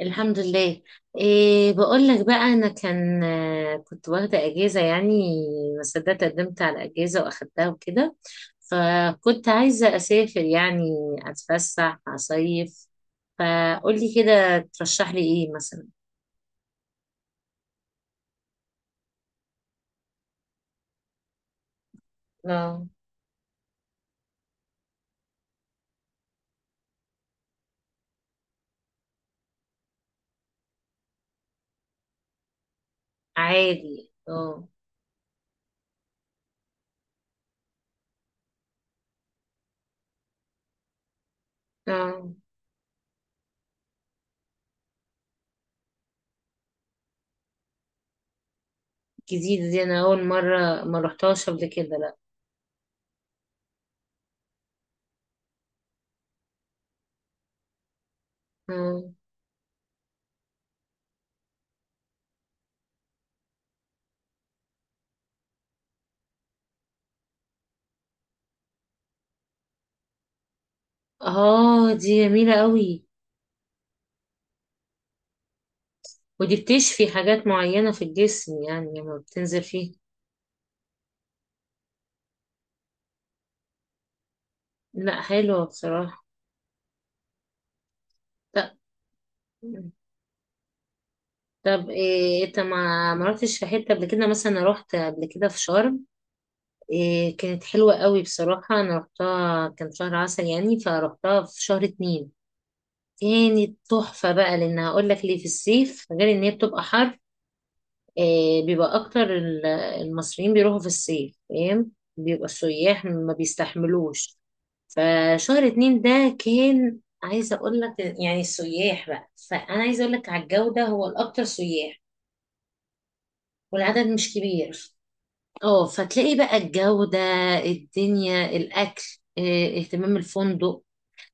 الحمد لله. إيه، بقول لك بقى، انا كان آه، كنت واخده اجازه يعني. ما صدقت، قدمت على اجازه واخدتها وكده. فكنت عايزه اسافر يعني، اتفسح، اصيف. فقولي كده ترشح لي ايه مثلا؟ اه. عادي، اه. اه. جديده دي، انا اول مره ما رحتهاش قبل كده، لا. اه. دي جميله قوي. ودي بتشفي حاجات معينه في الجسم، يعني لما بتنزل فيها. لا، حلوة بصراحة. طب طب. إيه، انت ما رحتش في حتة قبل كده؟ مثلا أنا رحت قبل كده في شرم. إيه كانت حلوة قوي بصراحة، انا رحتها كان شهر عسل يعني، فرحتها في شهر اتنين. كانت تحفة بقى، لان هقول لك ليه، في الصيف غير ان هي بتبقى حر. إيه بيبقى اكتر المصريين بيروحوا في الصيف فاهم، بيبقى السياح ما بيستحملوش. فشهر اتنين ده كان، عايزة اقول لك يعني، السياح بقى، فانا عايزة اقول لك على الجودة، هو الاكتر سياح. والعدد مش كبير. اه فتلاقي بقى الجودة، الدنيا، الاكل، اه، اهتمام الفندق.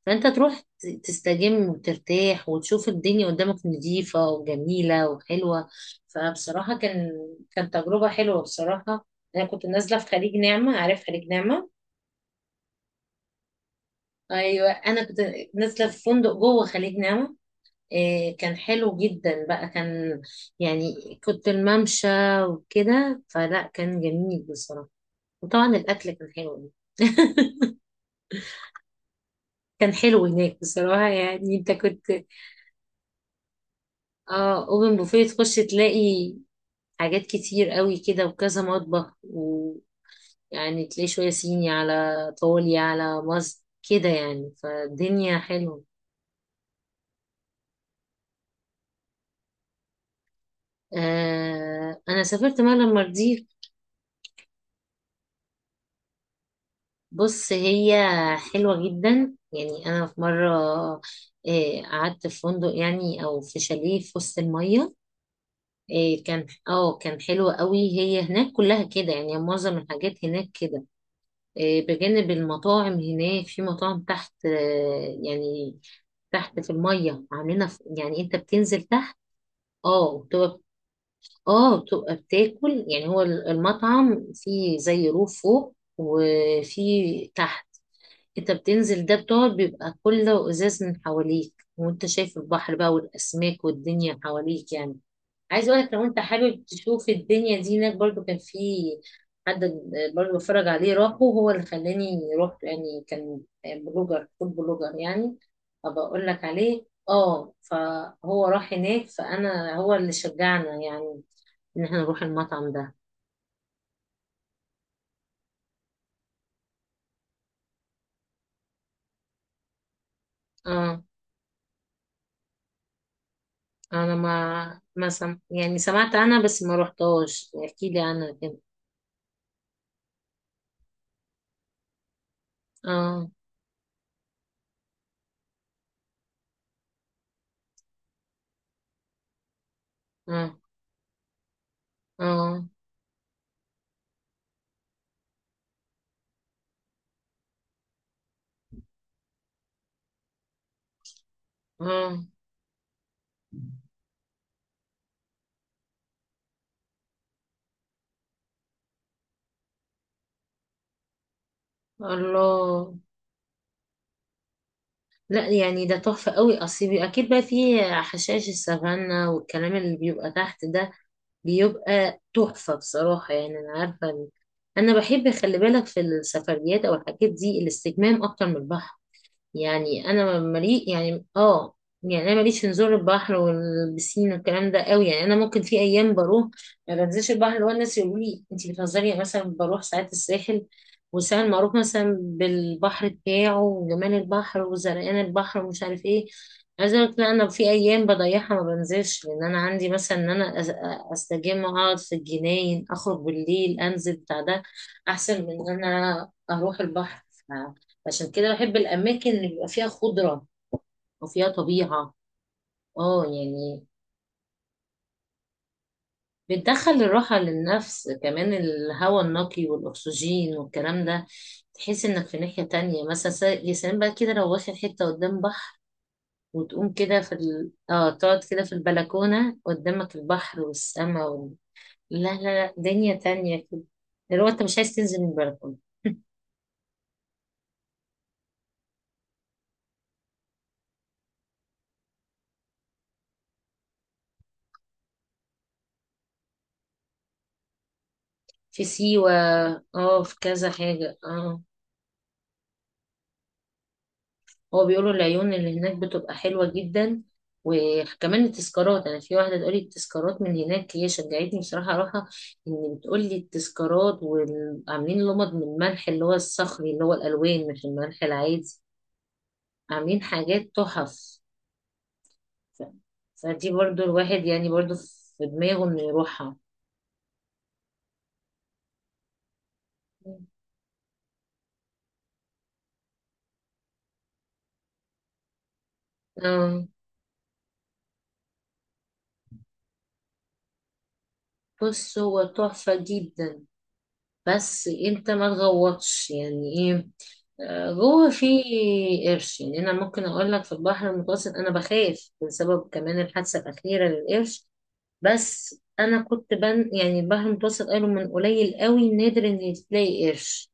فانت تروح تستجم وترتاح، وتشوف الدنيا قدامك نظيفة وجميلة وحلوة. فبصراحة، كان تجربة حلوة بصراحة. انا كنت نازلة في خليج نعمة، عارف خليج نعمة؟ ايوه، انا كنت نازلة في فندق جوه خليج نعمة. إيه كان حلو جدا بقى، كان يعني. كنت الممشى وكده، فلا كان جميل بصراحة. وطبعا الأكل كان حلو. كان حلو هناك بصراحة، يعني انت كنت. اه، اوبن بوفيه، تخش تلاقي حاجات كتير قوي كده، وكذا مطبخ ويعني. تلاقي شوية صيني، على طولي على مصر كده يعني، فالدنيا حلوة. انا سافرت مرة المالديف. بص، هي حلوة جدا يعني، أنا في مرة قعدت في فندق يعني، أو في شاليه في وسط المية. كان حلو قوي. هي هناك كلها كده يعني، معظم الحاجات هناك كده. بجانب المطاعم، هناك في مطاعم تحت، يعني تحت في المية، عاملينها يعني أنت بتنزل تحت. اه وبتبقى، اه بتبقى بتاكل يعني، هو المطعم فيه زي روف فوق وفي تحت. انت بتنزل ده، بتقعد، بيبقى كله ازاز من حواليك، وانت شايف البحر بقى، والاسماك والدنيا حواليك يعني. عايز اقولك، لو انت حابب تشوف الدنيا دي، هناك برضو كان في حد برضو بتفرج عليه، راحه، هو اللي خلاني رحت يعني، كان بلوجر، فود بلوجر يعني. ابقى اقول لك عليه، اه. فهو راح هناك، فانا هو اللي شجعنا يعني، ان احنا نروح المطعم ده. اه انا ما ما سم... يعني سمعت عنها، بس ما رحتهاش، احكي لي عنها كده. اه، اه، اه، اه. الله! لا يعني، ده تحفة قوي، اصل اكيد بقى فيه حشائش السافانا والكلام اللي بيبقى تحت ده. بيبقى تحفة بصراحة يعني، انا عارفة انا بحب، خلي بالك، في السفريات او الحاجات دي الاستجمام اكتر من البحر. يعني انا ملي يعني، اه. يعني انا ماليش في نزول البحر والبسين والكلام ده قوي، يعني انا ممكن في ايام بروح ما بنزلش البحر، اللي هو الناس يقولوا لي انت بتهزري، يعني مثلا بروح ساعات الساحل. والساحل معروف مثلا بالبحر بتاعه، وجمال البحر، وزرقان البحر، ومش عارف ايه. عايزه اقول لك، لا، انا في ايام بضيعها ما بنزلش، لان انا عندي مثلا ان انا استجم، اقعد في الجناين، اخرج بالليل، انزل بتاع ده، احسن من ان انا اروح البحر. عشان كده بحب الأماكن اللي بيبقى فيها خضرة وفيها طبيعة. اه يعني، بتدخل الراحة للنفس، كمان الهواء النقي والأكسجين والكلام ده. تحس إنك في ناحية تانية، مثلا يا سلام بقى كده، لو واخد حتة قدام بحر، وتقوم كده في ال... اه تقعد كده في البلكونة، قدامك البحر والسما. لا، لا، لا، دنيا تانية كده، اللي هو انت مش عايز تنزل من البلكونة. في سيوة. اه، في كذا حاجة، اه. هو بيقولوا العيون اللي هناك بتبقى حلوة جدا، وكمان التذكارات، انا في واحدة تقولي التذكارات من هناك، هي شجعتني بصراحة اروحها. ان بتقولي التذكارات، وعاملين لمض من الملح، اللي هو الصخري، اللي هو الالوان، مش الملح العادي. عاملين حاجات تحف. ف- فدي برضو الواحد يعني، برضو في دماغه انه يروحها. آم، بص هو تحفة جدا، بس انت ما تغوطش يعني ايه، جوه، في قرش. يعني انا ممكن اقول لك، في البحر المتوسط انا بخاف، بسبب كمان الحادثه الاخيره للقرش. بس انا كنت يعني البحر المتوسط قالوا من قليل قوي، نادر ان تلاقي قرش.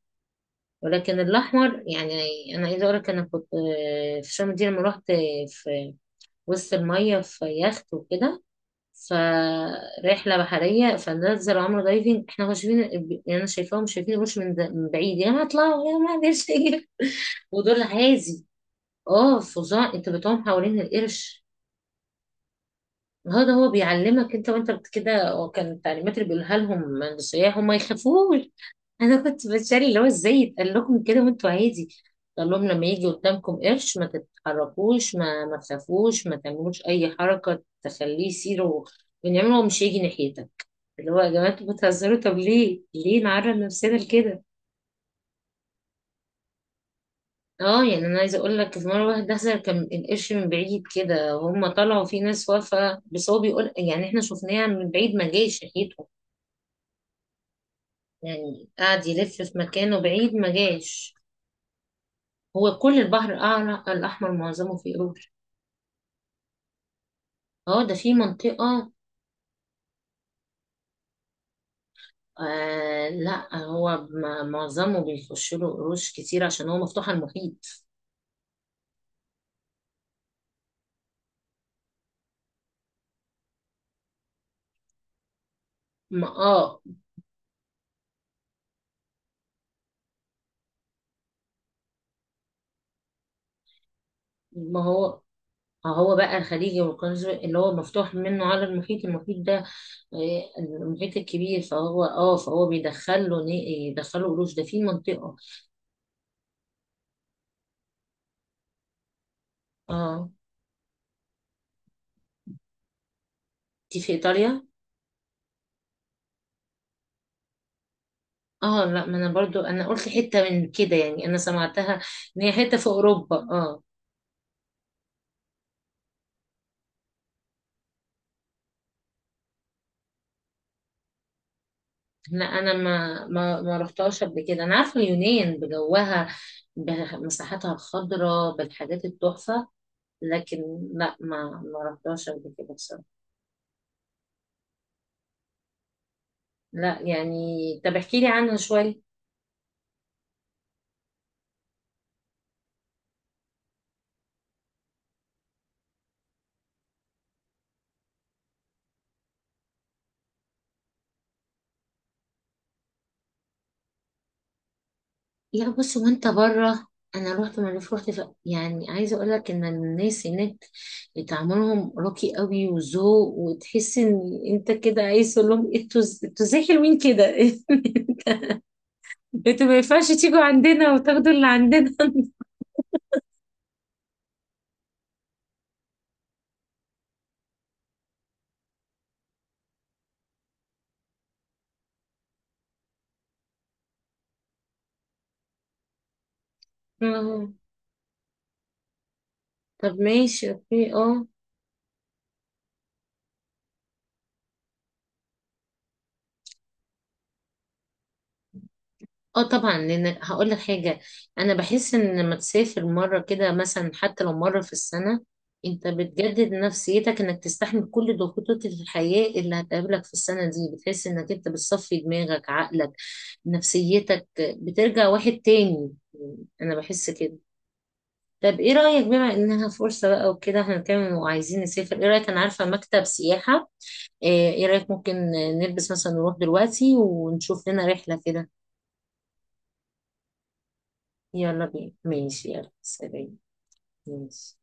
ولكن الاحمر يعني، انا عايزه اقول لك، انا كنت في شرم دي لما رحت، في وسط الميه في يخت وكده، فرحله بحريه، فنزل عمرو دايفنج، احنا مش شايفين. يعني انا شايفاهم شايفين القرش من بعيد، يا ما اطلعوا يا ما قدرش يجي، ودول عازي. اه فظاع، انت بتقوم حوالين القرش. هو ده، هو بيعلمك انت، وانت كده، وكان التعليمات اللي بيقولها لهم للسياح هم ما يخافوش. انا كنت بتشاري، اللي هو ازاي يتقال لكم كده وانتوا عادي. قال لهم لما يجي قدامكم قرش، ما تتحركوش، ما تخافوش، ما تعملوش اي حركه تخليه يصير، ونعمله هو مش هيجي ناحيتك. اللي هو، يا جماعه، انتوا بتهزروا، طب ليه، ليه نعرض نفسنا لكده؟ اه يعني انا عايزه اقول لك، في مره واحد دخل كان القرش من بعيد كده، هم طلعوا، في ناس واقفه، بس هو بيقول يعني احنا شفناه من بعيد، ما جاش ناحيته، يعني قعد يلف في مكانه بعيد، ما جاش. هو كل البحر الاحمر معظمه فيه قروش، اه. ده في منطقه. آه لا، هو معظمه بيخش له قروش كتير عشان هو مفتوح على المحيط. ما اه ما هو، هو بقى الخليجي والقناص اللي هو مفتوح منه على المحيط، المحيط ده، المحيط الكبير، فهو بيدخله، يدخله قروش، ده في منطقة. اه دي في ايطاليا. اه لا، ما انا برضو انا قلت حتة من كده يعني، انا سمعتها ان هي حتة في اوروبا، اه. لا، انا ما رحتهاش قبل كده، انا عارفة اليونان بجوها، بمساحاتها الخضراء، بالحاجات التحفة. لكن لا، ما رحتهاش قبل كده بصراحة. لا يعني، طب احكي لي عنه شوية. لا، بص، وانت بره، انا رحت مالديف، رحت يعني عايزه اقول لك ان الناس هناك تعاملهم راقي قوي، وذوق، وتحس ان انت كده عايز تقول لهم "إيه، انتوا ازاي حلوين كده؟ انتوا ما ينفعش تيجوا عندنا وتاخدوا اللي عندنا". آه. طب، ماشي، اوكي، اه. اه طبعا، لان هقول لك حاجه، انا بحس ان لما تسافر مره كده مثلا، حتى لو مره في السنه، انت بتجدد نفسيتك، انك تستحمل كل ضغوطات الحياه اللي هتقابلك في السنه دي، بتحس انك انت بتصفي دماغك، عقلك، نفسيتك بترجع واحد تاني. انا بحس كده. طب ايه رايك؟ بما انها فرصه بقى وكده، احنا بنتكلم وعايزين نسافر، ايه رايك؟ انا عارفه مكتب سياحه، إيه رايك، ممكن نلبس مثلا نروح دلوقتي ونشوف لنا رحله كده؟ يلا بينا، ماشي، يلا سلام. ماشي.